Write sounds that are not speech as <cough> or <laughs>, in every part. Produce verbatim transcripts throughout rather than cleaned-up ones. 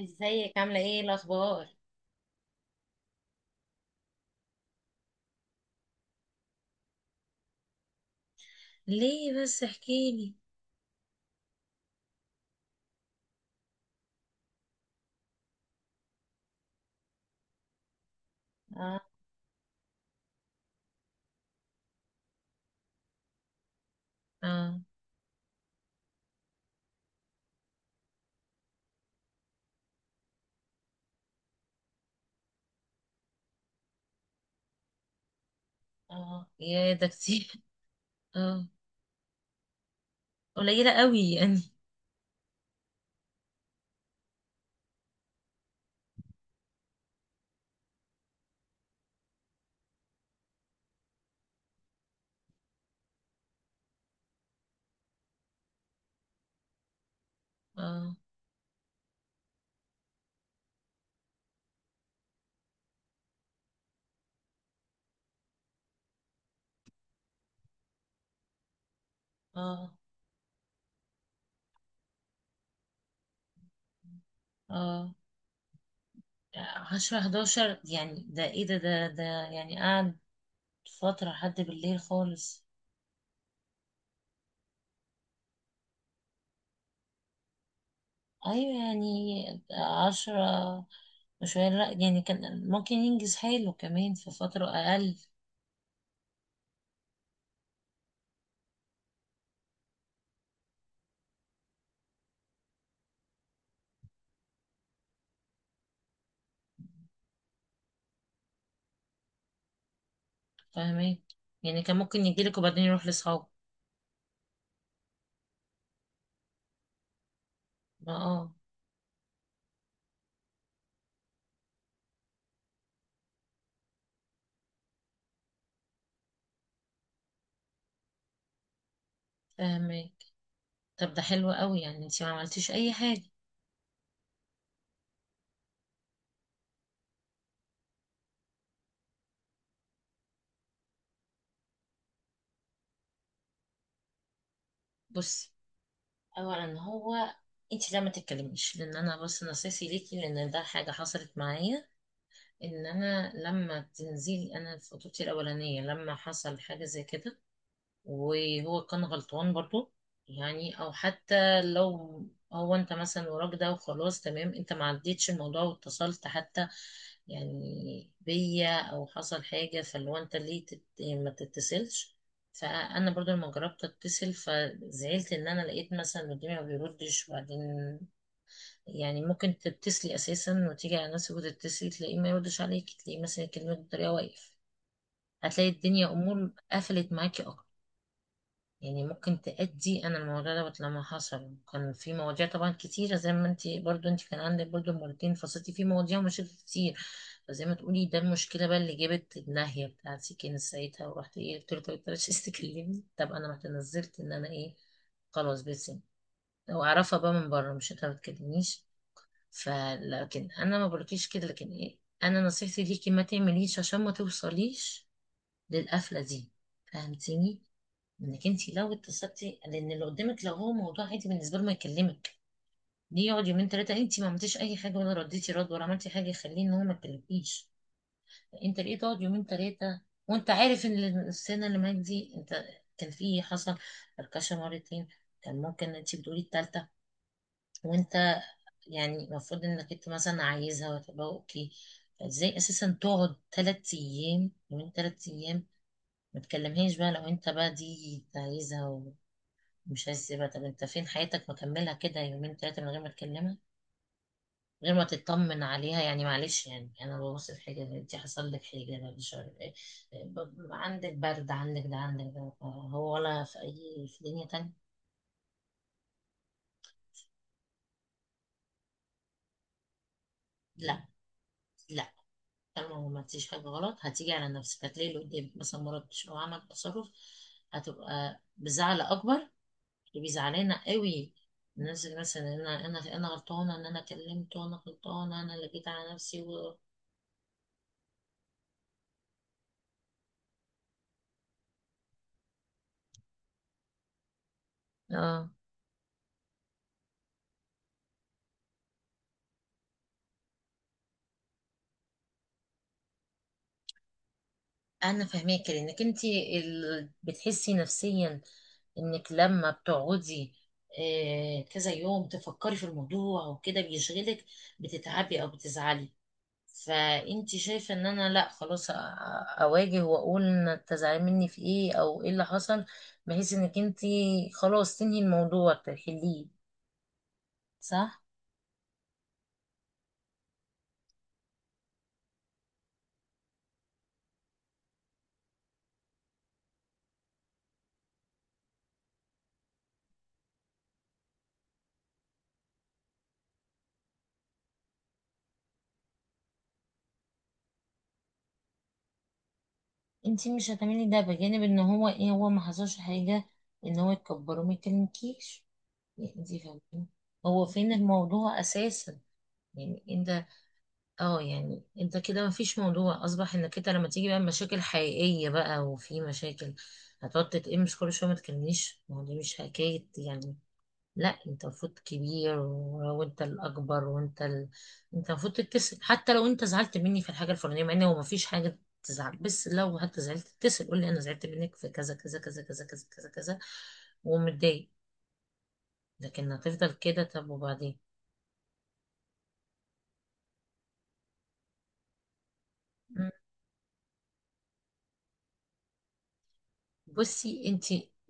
ازيك عاملة ايه الأخبار؟ ليه بس احكيلي. اه. اه. اه، يا ده كتير. <laughs> اه. قليلة قوي يعني. اه. اه. اه. عشرة حداشر؟ يعني ده ايه؟ ده ده ده يعني قعد فترة لحد بالليل خالص. ايوه يعني. عشرة وشوية، لا، يعني كان ممكن ينجز حاله كمان في فترة أقل. فاهمين. يعني كان ممكن يجيلك وبعدين يروح لأصحابه. ما اه فاهمين. طب ده حلو قوي، يعني انت ما عملتيش اي حاجه. بصي، اولا هو انت لا ما تتكلميش، لان انا بس نصيحتي ليكي، لان ده حاجه حصلت معايا. ان انا لما تنزلي، انا في خطوبتي الاولانيه لما حصل حاجه زي كده، وهو كان غلطان برضو. يعني او حتى لو هو انت مثلا وراك ده وخلاص، تمام، انت ما عديتش الموضوع واتصلت حتى يعني بيا، او حصل حاجة، فاللي هو انت ليه تت... يعني ما تتصلش. فانا برضو لما جربت اتصل، فزعلت ان انا لقيت مثلا اللي قدامي ما بيردش، وبعدين يعني ممكن تتصلي اساسا وتيجي على نفسك وتتصلي، تلاقيه ما يردش عليك، تلاقيه مثلا يكلمك بطريقة واقف. هتلاقي الدنيا امور قفلت معاكي اكتر. يعني ممكن تأدي، أنا الموضوع دوت لما حصل كان في مواضيع طبعا كتيرة، زي ما انت برضو انت كان عندك برضو، مرتين فصلتي في مواضيع ومشاكل كتير. فزي ما تقولي، ده المشكلة بقى اللي جابت الناهية بتاعتي كانت ساعتها، ورحت ايه، قلت له طب انت مش عايز تكلمني، طب أنا رحت نزلت إن أنا ايه، خلاص بس، وأعرفها بقى من بره، مش انت ما بتكلمنيش. فلكن أنا ما بقولكيش كده، لكن ايه، أنا نصيحتي ليكي ما تعمليش عشان ما توصليش للقفلة دي. فهمتيني؟ انك انت لو اتصلتي، لان اللي قدامك لو هو موضوع عادي بالنسبه له ما يكلمك. ليه يقعد يومين ثلاثه؟ انت ما عملتيش اي حاجه، ولا رديتي رد، ولا عملتي حاجه يخليه ان هو ما يكلمكيش. انت ليه تقعد يومين ثلاثه، وانت عارف ان السنه اللي معاك دي انت كان في إيه، حصل فركشه مرتين، كان ممكن انت بتقولي الثالثه، وانت يعني المفروض انك انت مثلا عايزها وتبقى اوكي. فازاي اساسا تقعد ثلاث ايام، يومين ثلاث ايام، ما تكلمهاش؟ بقى لو انت بقى دي عايزها مش هسيبها. طب انت فين؟ حياتك مكملها كده يومين تلاتة من غير ما تكلمها، من غير ما تطمن عليها؟ يعني معلش، يعني انا ببص في حاجة، انت حصل لك حاجة؟ أنا مش عارف ايه، ب- عندك برد، عندك ده، عندك ده، هو ولا في اي، في دنيا تانية. لا، لا، طالما ما فيش حاجة غلط، هتيجي على نفسك هتلاقي اللي قدامك مثلا ما ردش او عمل تصرف، هتبقى بزعل اكبر. اللي بيزعلنا قوي الناس اللي مثلا انا انا انا غلطانه ان انا كلمته، انا غلطانه، انا اللي جيت على نفسي و... اه، انا فاهماكي، لانك انت ال... بتحسي نفسيا انك لما بتقعدي آه، كذا يوم تفكري في الموضوع وكده بيشغلك، بتتعبي او بتزعلي. فانت شايفه ان انا، لا خلاص، أ- اواجه واقول إن تزعلي مني في ايه، او ايه اللي حصل، بحيث انك انت خلاص تنهي الموضوع، تحليه. صح. انت مش هتعملي ده بجانب ان هو ايه، هو ما حصلش حاجه ان هو يكبره ما يكلمكيش. يعني انت فاهمين، هو فين الموضوع اساسا؟ يعني انت، اه يعني انت كده ما فيش موضوع. اصبح انك انت لما تيجي بقى مشاكل حقيقية بقى، وفي مشاكل، هتقعد تتقمش كل شوية ما تكلمنيش؟ ما هو دي مش حكاية يعني. لا، انت المفروض كبير، و- وانت الاكبر، وانت ال... انت المفروض تتصل حتى لو انت زعلت مني في الحاجة الفلانية، مع ان هو ما فيش حاجة تزعل، بس لو حتى زعلت تتصل، قول لي انا زعلت منك في كذا كذا كذا كذا كذا كذا كذا، ومتضايق. لكن هتفضل كده، طب وبعدين؟ مم. بصي انت،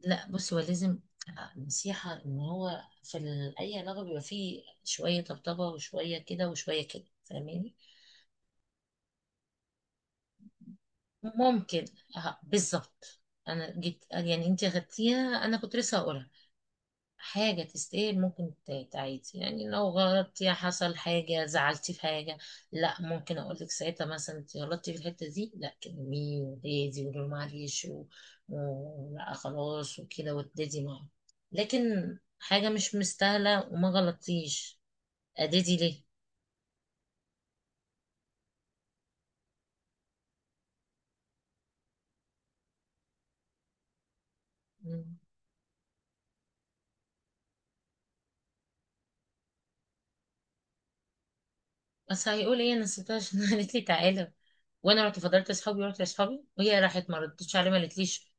لا بصي، هو لازم، آه، نصيحة، ان هو في ال- اي علاقة بيبقى فيه شوية طبطبة وشوية كده وشوية كده، فاهماني؟ ممكن. آه، بالظبط. انا جيت، يعني انت اخدتيها، انا كنت لسه هقولها، حاجة تستاهل ممكن تتعيد، يعني لو غلطتي، حصل حاجة، زعلتي في حاجة، لا ممكن أقولك ساعتها مثلا انت غلطتي في الحتة دي، لا كلميه وهادي وقولي له معلش و- و- لا خلاص وكده، وتدادي معاه. لكن حاجة مش مستاهلة وما غلطتيش، أدادي ليه؟ مم. بس هيقول ايه؟ انا نسيتها، عشان <laughs> قالت لي تعالى وانا رحت فضلت اصحابي، ورحت لاصحابي، وهي راحت ما ردتش عليه، ما قالتليش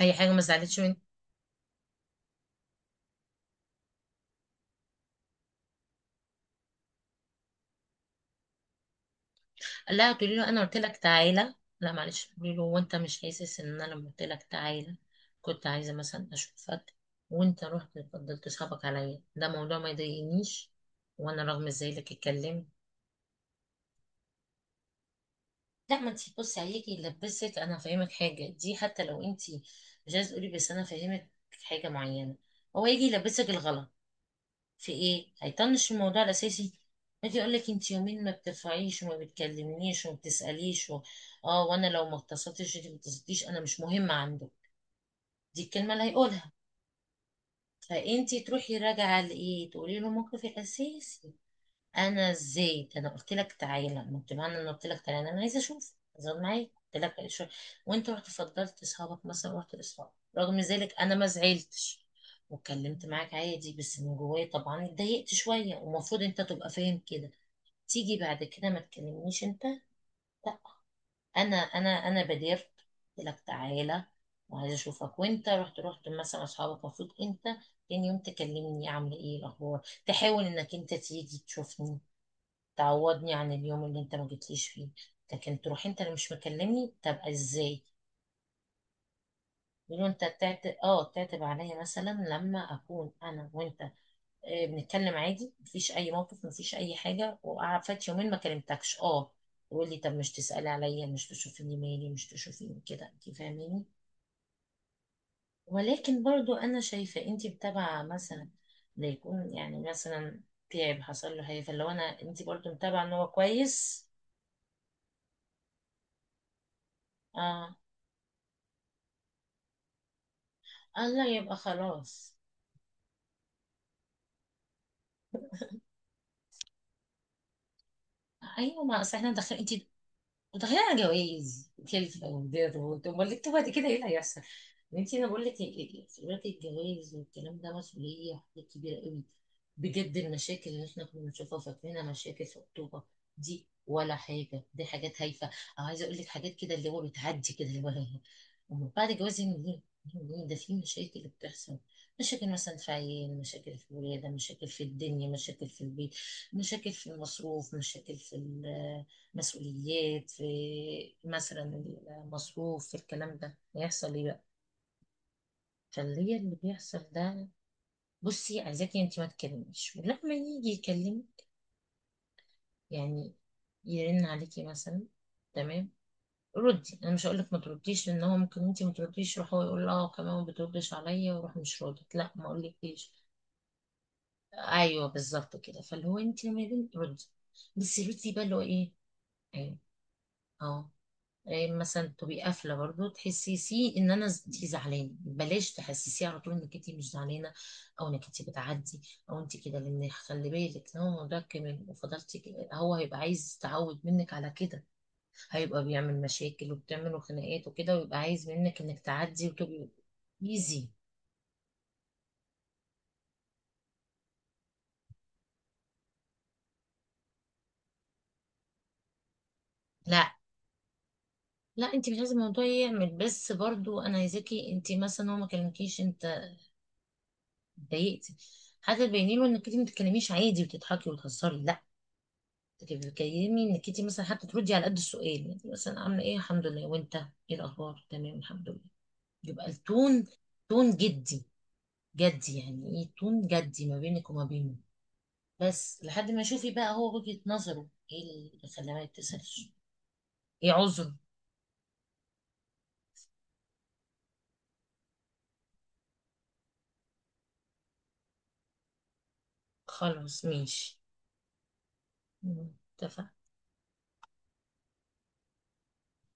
اي حاجه، ما زعلتش مني. لا، تقولي له انا قلت لك تعالى، لا معلش، تقولي له وانت مش حاسس ان انا لما قلت لك تعالى كنت عايزه مثلا اشوفك، وانت رحت فضلت صحابك عليا، ده موضوع ما يضايقنيش؟ وانا رغم ذلك اتكلمت. لا، ما انت بصي، عليكي لبسك، انا فاهمك حاجه دي، حتى لو انت مش عايزه تقولي، بس انا فاهمك حاجه معينه، هو يجي يلبسك الغلط في ايه، هيطنش الموضوع الاساسي، يجي يقول لك انت يومين ما بترفعيش وما بتكلمنيش وما بتساليش و... اه، وانا لو ما اتصلتش، انت ما اتصلتيش، انا مش مهمه عنده، دي الكلمه اللي هيقولها. فانت تروحي راجعه لايه، تقولي له موقف الاساسي. انا ازاي؟ ده انا قلت لك تعالى، ما انت معنى ان قلت لك تعالى، انا عايزه اشوف، زود معايا، قلت لك شو، وانت رحت فضلت اصحابك، مثلا رحت لاصحابك، رغم ذلك انا ما زعلتش واتكلمت معاك عادي، بس من جوايا طبعا اتضايقت شويه، ومفروض انت تبقى فاهم كده. تيجي بعد كده ما تكلمنيش انت؟ لا، انا انا انا بادرت، قلت لك تعالى وعايزه اشوفك، وانت رحت رحت مثلا اصحابك. المفروض انت تاني يوم تكلمني، عامله ايه، الاخبار، تحاول انك انت تيجي تشوفني، تعوضني عن اليوم اللي انت ما جيتليش فيه، لكن تروح انت اللي مش مكلمني؟ طب ازاي؟ يقولوا انت تعتب اه تعتب عليا مثلا لما اكون انا وانت آه، بنتكلم عادي، مفيش اي موقف، مفيش اي حاجه، وقعد فات يومين ما كلمتكش اه يقول لي طب مش تسالي عليا، مش تشوفيني، مالي، مش تشوفيني كده؟ انت فاهميني؟ ولكن برضو انا شايفه انت متابعه مثلا، ده يكون يعني مثلا تعب، حصل له حاجه، فلو انا، انت برضو متابعه ان هو كويس. اه، الله، يبقى خلاص. ايوه، ما اصل احنا داخلين، انت داخلين على جوايز، كلفه ودير، وت- امال انتوا بعد كده ايه اللي هيحصل؟ انت، انا بقول لك، دلوقتي الجواز والكلام ده مسؤوليه، حاجات كبيره قوي بجد. المشاكل اللي احنا كنا بنشوفها فاكرينها مشاكل في الخطوبه دي ولا حاجه، دي حاجات هايفه، او عايزه اقول لك حاجات كده اللي هو بتعدي كده اللي هو <laughs> هي. ومن بعد الجواز يعني ايه، ده في مشاكل بتحصل، مشاكل مثلا في عيال، مشاكل في الولاده، مشاكل في الدنيا، مشاكل في البيت، مشاكل في المصروف، مشاكل في المسؤوليات، في مثلا المصروف، في الكلام ده، هيحصل ايه بقى؟ فاللي هي اللي بيحصل ده. بصي، عايزاكي انت ما تكلميش، ولما يجي يكلم يعني، يرن عليكي مثلا، تمام، ردي. انا مش هقول لك ما ترديش، لان هو ممكن انت ما ترديش، يروح هو يقول اه كمان ما بتردش عليا، واروح مش ردت، لا ما اقولكيش. ايوه بالظبط كده. فاللي هو انت لما يرن، ردي، بس ردي بقى اللي هو ايه. ايوه. اه. إيه، مثلا تبقي قافله برضو، تحسسيه ان انا، ز- انت زعلانه، بلاش تحسسيه على طول انك انت مش زعلانه، او انك انت بتعدي، او انت كده، لان خلي بالك لو الموضوع كمل وفضلتي كده، هو هيبقى عايز يتعود منك على كده، هيبقى بيعمل مشاكل وبتعملوا خناقات وكده، ويبقى عايز منك انك تعدي وتبقي ايزي. لا، لا، انت مش عايزه الموضوع يعمل، بس برضو انا عايزاكي انت مثلا هو ما كلمكيش، انت اتضايقتي، حتى تبيني له انك انت ما بتتكلميش عادي وتضحكي وتهزري، لا. انت بتكلمي انك انت مثلا، حتى تردي على قد السؤال، يعني مثلا عامله ايه، الحمد لله، وانت ايه الاخبار، تمام الحمد لله، يبقى التون، تون جدي. جدي يعني ايه، تون جدي ما بينك وما بينه، بس لحد ما شوفي بقى هو وجهة نظره ايه اللي خلاه ما يتصلش، ايه عذره. خلاص ماشي. مم، اتفقنا.